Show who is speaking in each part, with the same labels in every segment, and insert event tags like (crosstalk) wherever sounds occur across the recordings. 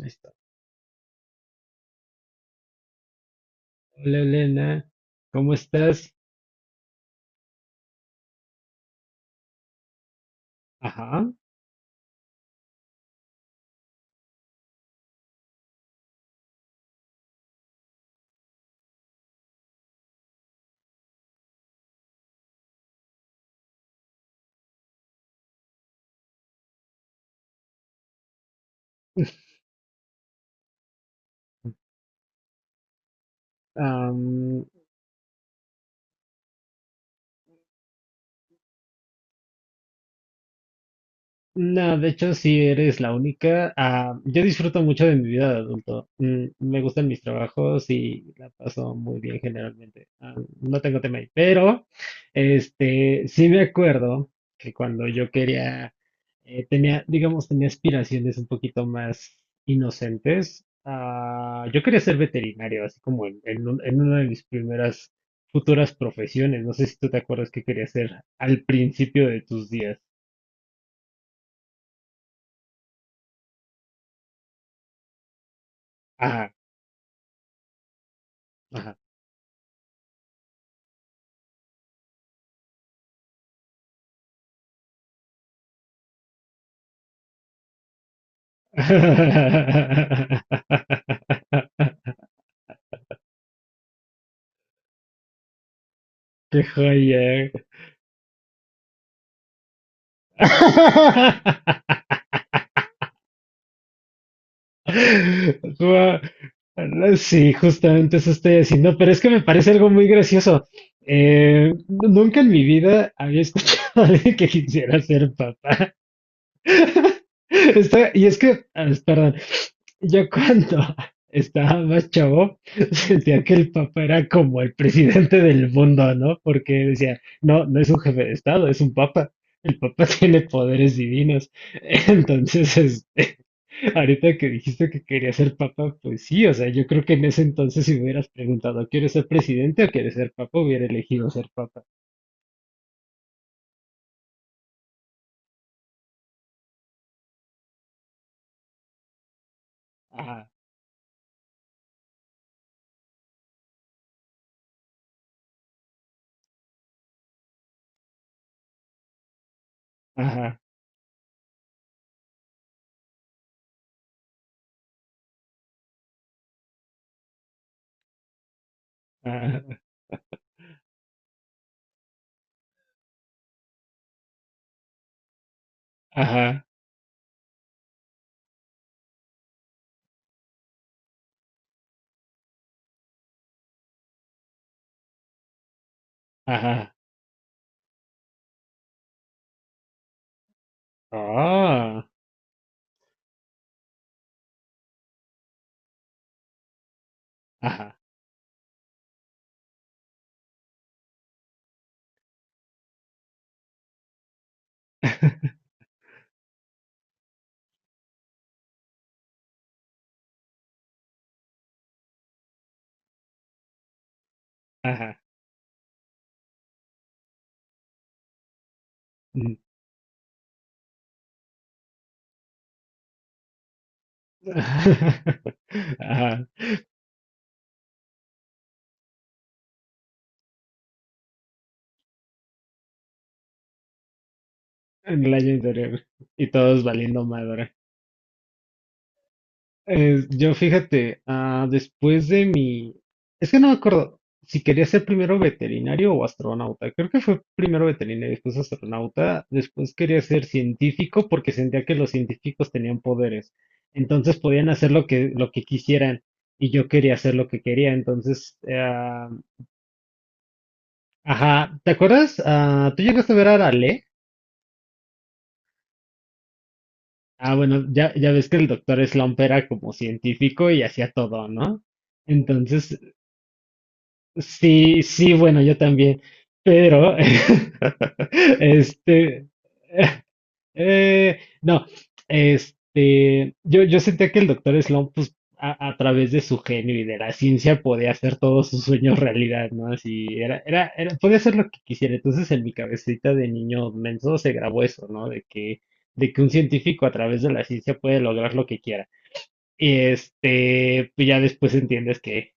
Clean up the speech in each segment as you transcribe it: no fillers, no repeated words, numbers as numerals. Speaker 1: Ahí está. Hola Elena, ¿cómo estás? Ajá. No, de hecho, sí eres la única. Ah, yo disfruto mucho de mi vida de adulto. Mm, me gustan mis trabajos y la paso muy bien generalmente. No tengo tema ahí. Pero, sí me acuerdo que cuando yo quería, tenía, digamos, tenía aspiraciones un poquito más inocentes. Yo quería ser veterinario, así como en en una de mis primeras futuras profesiones. No sé si tú te acuerdas que quería ser al principio de tus días. Ajá, ajá. (laughs) Qué joyer. (laughs) Gua- Sí, justamente eso estoy haciendo, pero es que me parece algo muy gracioso. Nunca en mi vida había escuchado (laughs) a alguien que quisiera ser papá. (laughs) Y es que, perdón. Yo cuando (laughs) estaba más chavo (laughs) sentía que el Papa era como el presidente del mundo, ¿no? Porque decía, no, no es un jefe de Estado, es un Papa. El Papa (laughs) tiene poderes divinos. Entonces, (laughs) ahorita que dijiste que quería ser Papa, pues sí, o sea, yo creo que en ese entonces si me hubieras preguntado, ¿quieres ser presidente o quieres ser Papa? Hubiera elegido ser Papa. Ajá, ajá, ajá, ajá, ajá. Ah, ajá, (laughs) ajá. Mm. (laughs) Ajá, en el año anterior. Y todos valiendo madre. Yo fíjate, después de mi... Es que no me acuerdo si quería ser primero veterinario o astronauta. Creo que fue primero veterinario, después astronauta. Después quería ser científico porque sentía que los científicos tenían poderes. Entonces podían hacer lo que quisieran. Y yo quería hacer lo que quería. Entonces, ajá. ¿Te acuerdas? Ah, ¿tú llegaste a ver a Ale? Bueno, ya ves que el doctor Slump era como científico y hacía todo, ¿no? Entonces, sí, sí, bueno, yo también, pero, (laughs) este, (laughs) no, yo sentía que el doctor Sloan, pues, a través de su genio y de la ciencia, podía hacer todos sus sueños realidad, ¿no? Así, era, podía hacer lo que quisiera. Entonces, en mi cabecita de niño menso se grabó eso, ¿no? De que un científico a través de la ciencia puede lograr lo que quiera. Y este, pues ya después entiendes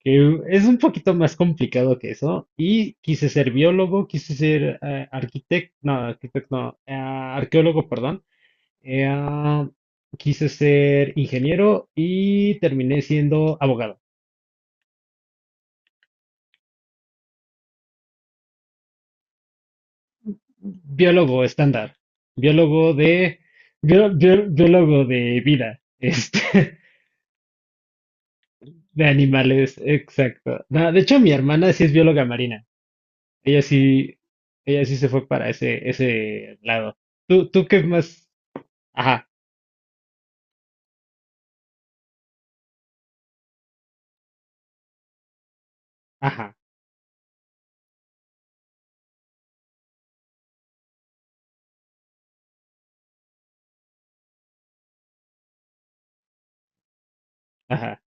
Speaker 1: que es un poquito más complicado que eso. Y quise ser biólogo, quise ser arquitecto, no, arqueólogo, perdón. Eh, ah, quise ser ingeniero y terminé siendo abogado. Biólogo estándar, biólogo de, biólogo de vida, (laughs) de animales, exacto. No, de hecho, mi hermana sí es bióloga marina. Ella sí, ella sí se fue para ese, ese lado. ¿Tú, tú qué más? Ajá, ajá, ajá,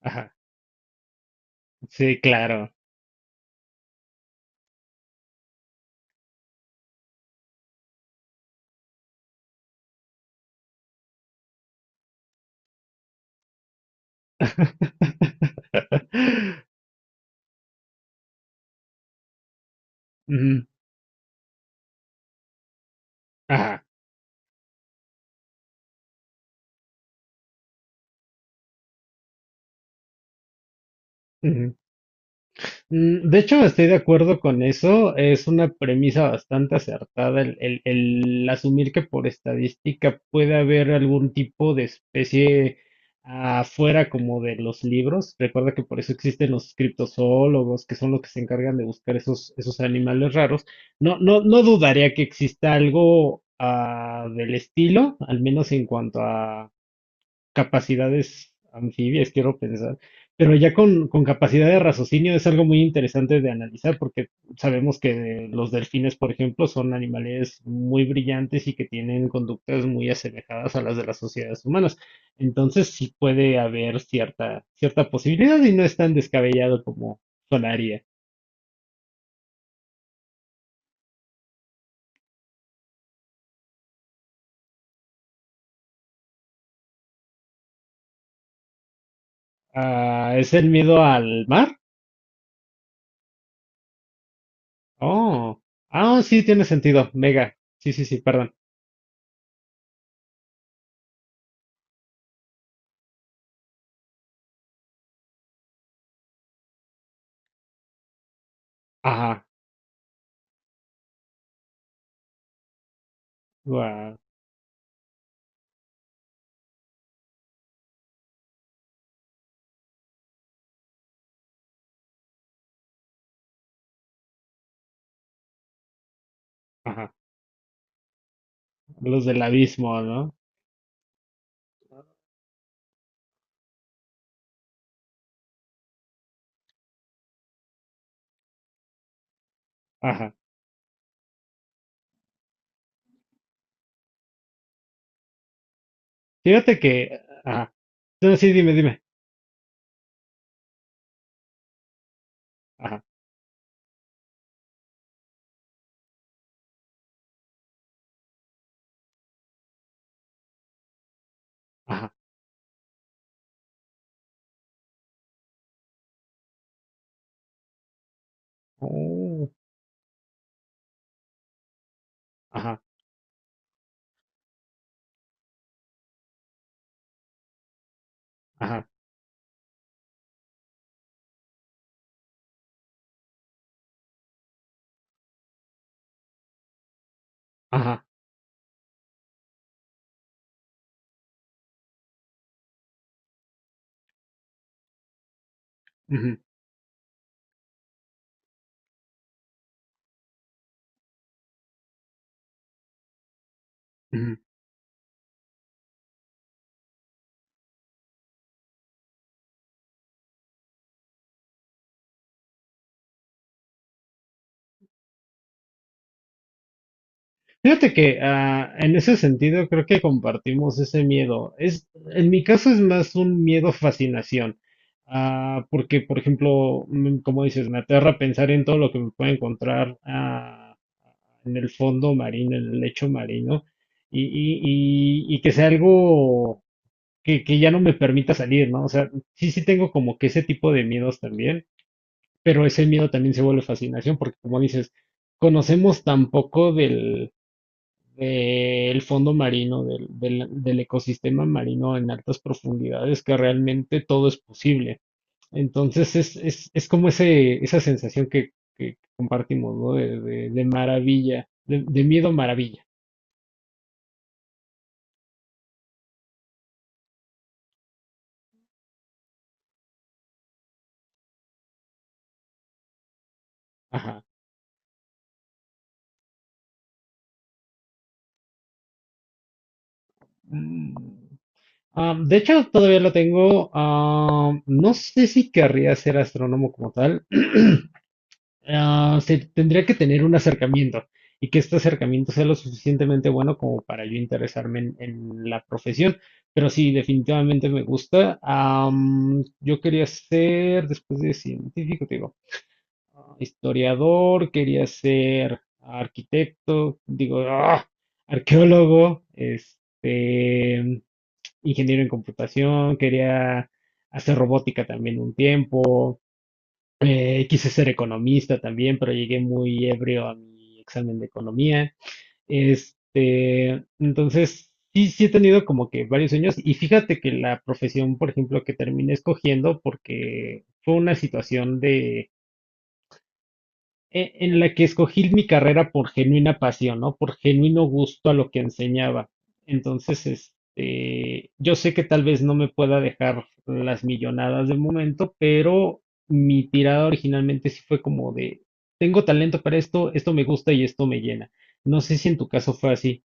Speaker 1: ajá. Sí, claro. (laughs) Ujú, ajá. Mm, de hecho, estoy de acuerdo con eso. Es una premisa bastante acertada el asumir que por estadística puede haber algún tipo de especie afuera como de los libros. Recuerda que por eso existen los criptozoólogos, que son los que se encargan de buscar esos, esos animales raros. No, no, no dudaría que exista algo del estilo, al menos en cuanto a capacidades anfibias, quiero pensar, pero ya con capacidad de raciocinio es algo muy interesante de analizar porque sabemos que los delfines, por ejemplo, son animales muy brillantes y que tienen conductas muy asemejadas a las de las sociedades humanas. Entonces sí puede haber cierta, cierta posibilidad y no es tan descabellado como Solaria. Ah, ¿es el miedo al mar? Oh, ah, sí, tiene sentido. Mega. Sí, sí, sí, perdón. Ajá, guau, ajá. Los del abismo, ¿no? Ajá. Fíjate que, ajá. No, sí, dime, dime. Ajá, ajá. Oh, ajá, ajá, ajá. Ujú, ujú. Fíjate que en ese sentido creo que compartimos ese miedo. Es, en mi caso es más un miedo fascinación. Porque, por ejemplo, como dices, me aterra pensar en todo lo que me pueda encontrar en el fondo marino, en el lecho marino, y que sea algo que ya no me permita salir, ¿no? O sea, sí, sí tengo como que ese tipo de miedos también, pero ese miedo también se vuelve fascinación porque, como dices, conocemos tan poco del fondo marino, del ecosistema marino en altas profundidades, que realmente todo es posible. Entonces es como ese, esa sensación que compartimos, ¿no? De maravilla, de miedo maravilla. Ajá. Mm. Am, de hecho, todavía lo tengo. Am, no sé si querría ser astrónomo como tal. (clears throat) Se tendría que tener un acercamiento y que este acercamiento sea lo suficientemente bueno como para yo interesarme en la profesión. Pero sí, definitivamente me gusta. Am, yo quería ser, después de científico, te digo, historiador, quería ser arquitecto, digo, arqueólogo, ingeniero en computación, quería hacer robótica también un tiempo, quise ser economista también, pero llegué muy ebrio a mi examen de economía. Este, entonces, sí, sí he tenido como que varios sueños y fíjate que la profesión, por ejemplo, que terminé escogiendo porque fue una situación de en la que escogí mi carrera por genuina pasión, ¿no? Por genuino gusto a lo que enseñaba. Entonces, yo sé que tal vez no me pueda dejar las millonadas de momento, pero mi tirada originalmente sí fue como de, tengo talento para esto, esto me gusta y esto me llena. No sé si en tu caso fue así.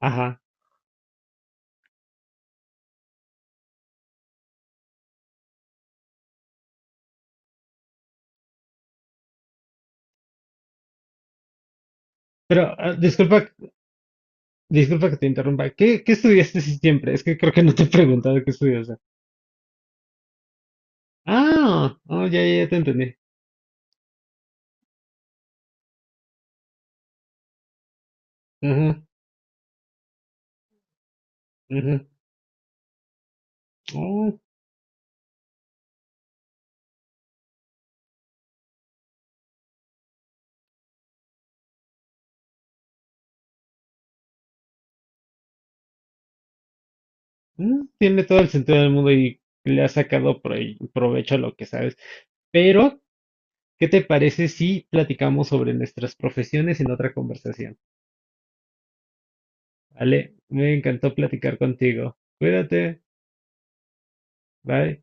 Speaker 1: Ajá. Pero disculpa, disculpa que te interrumpa. ¿Qué, qué estudiaste si siempre? Es que creo que no te he preguntado qué estudiaste. Oh, ya, ya, ya te entendí. Ajá, ajá. Mm, tiene todo el sentido del mundo y le ha sacado provecho a lo que sabes. Pero, ¿qué te parece si platicamos sobre nuestras profesiones en otra conversación? Vale, me encantó platicar contigo. Cuídate, bye.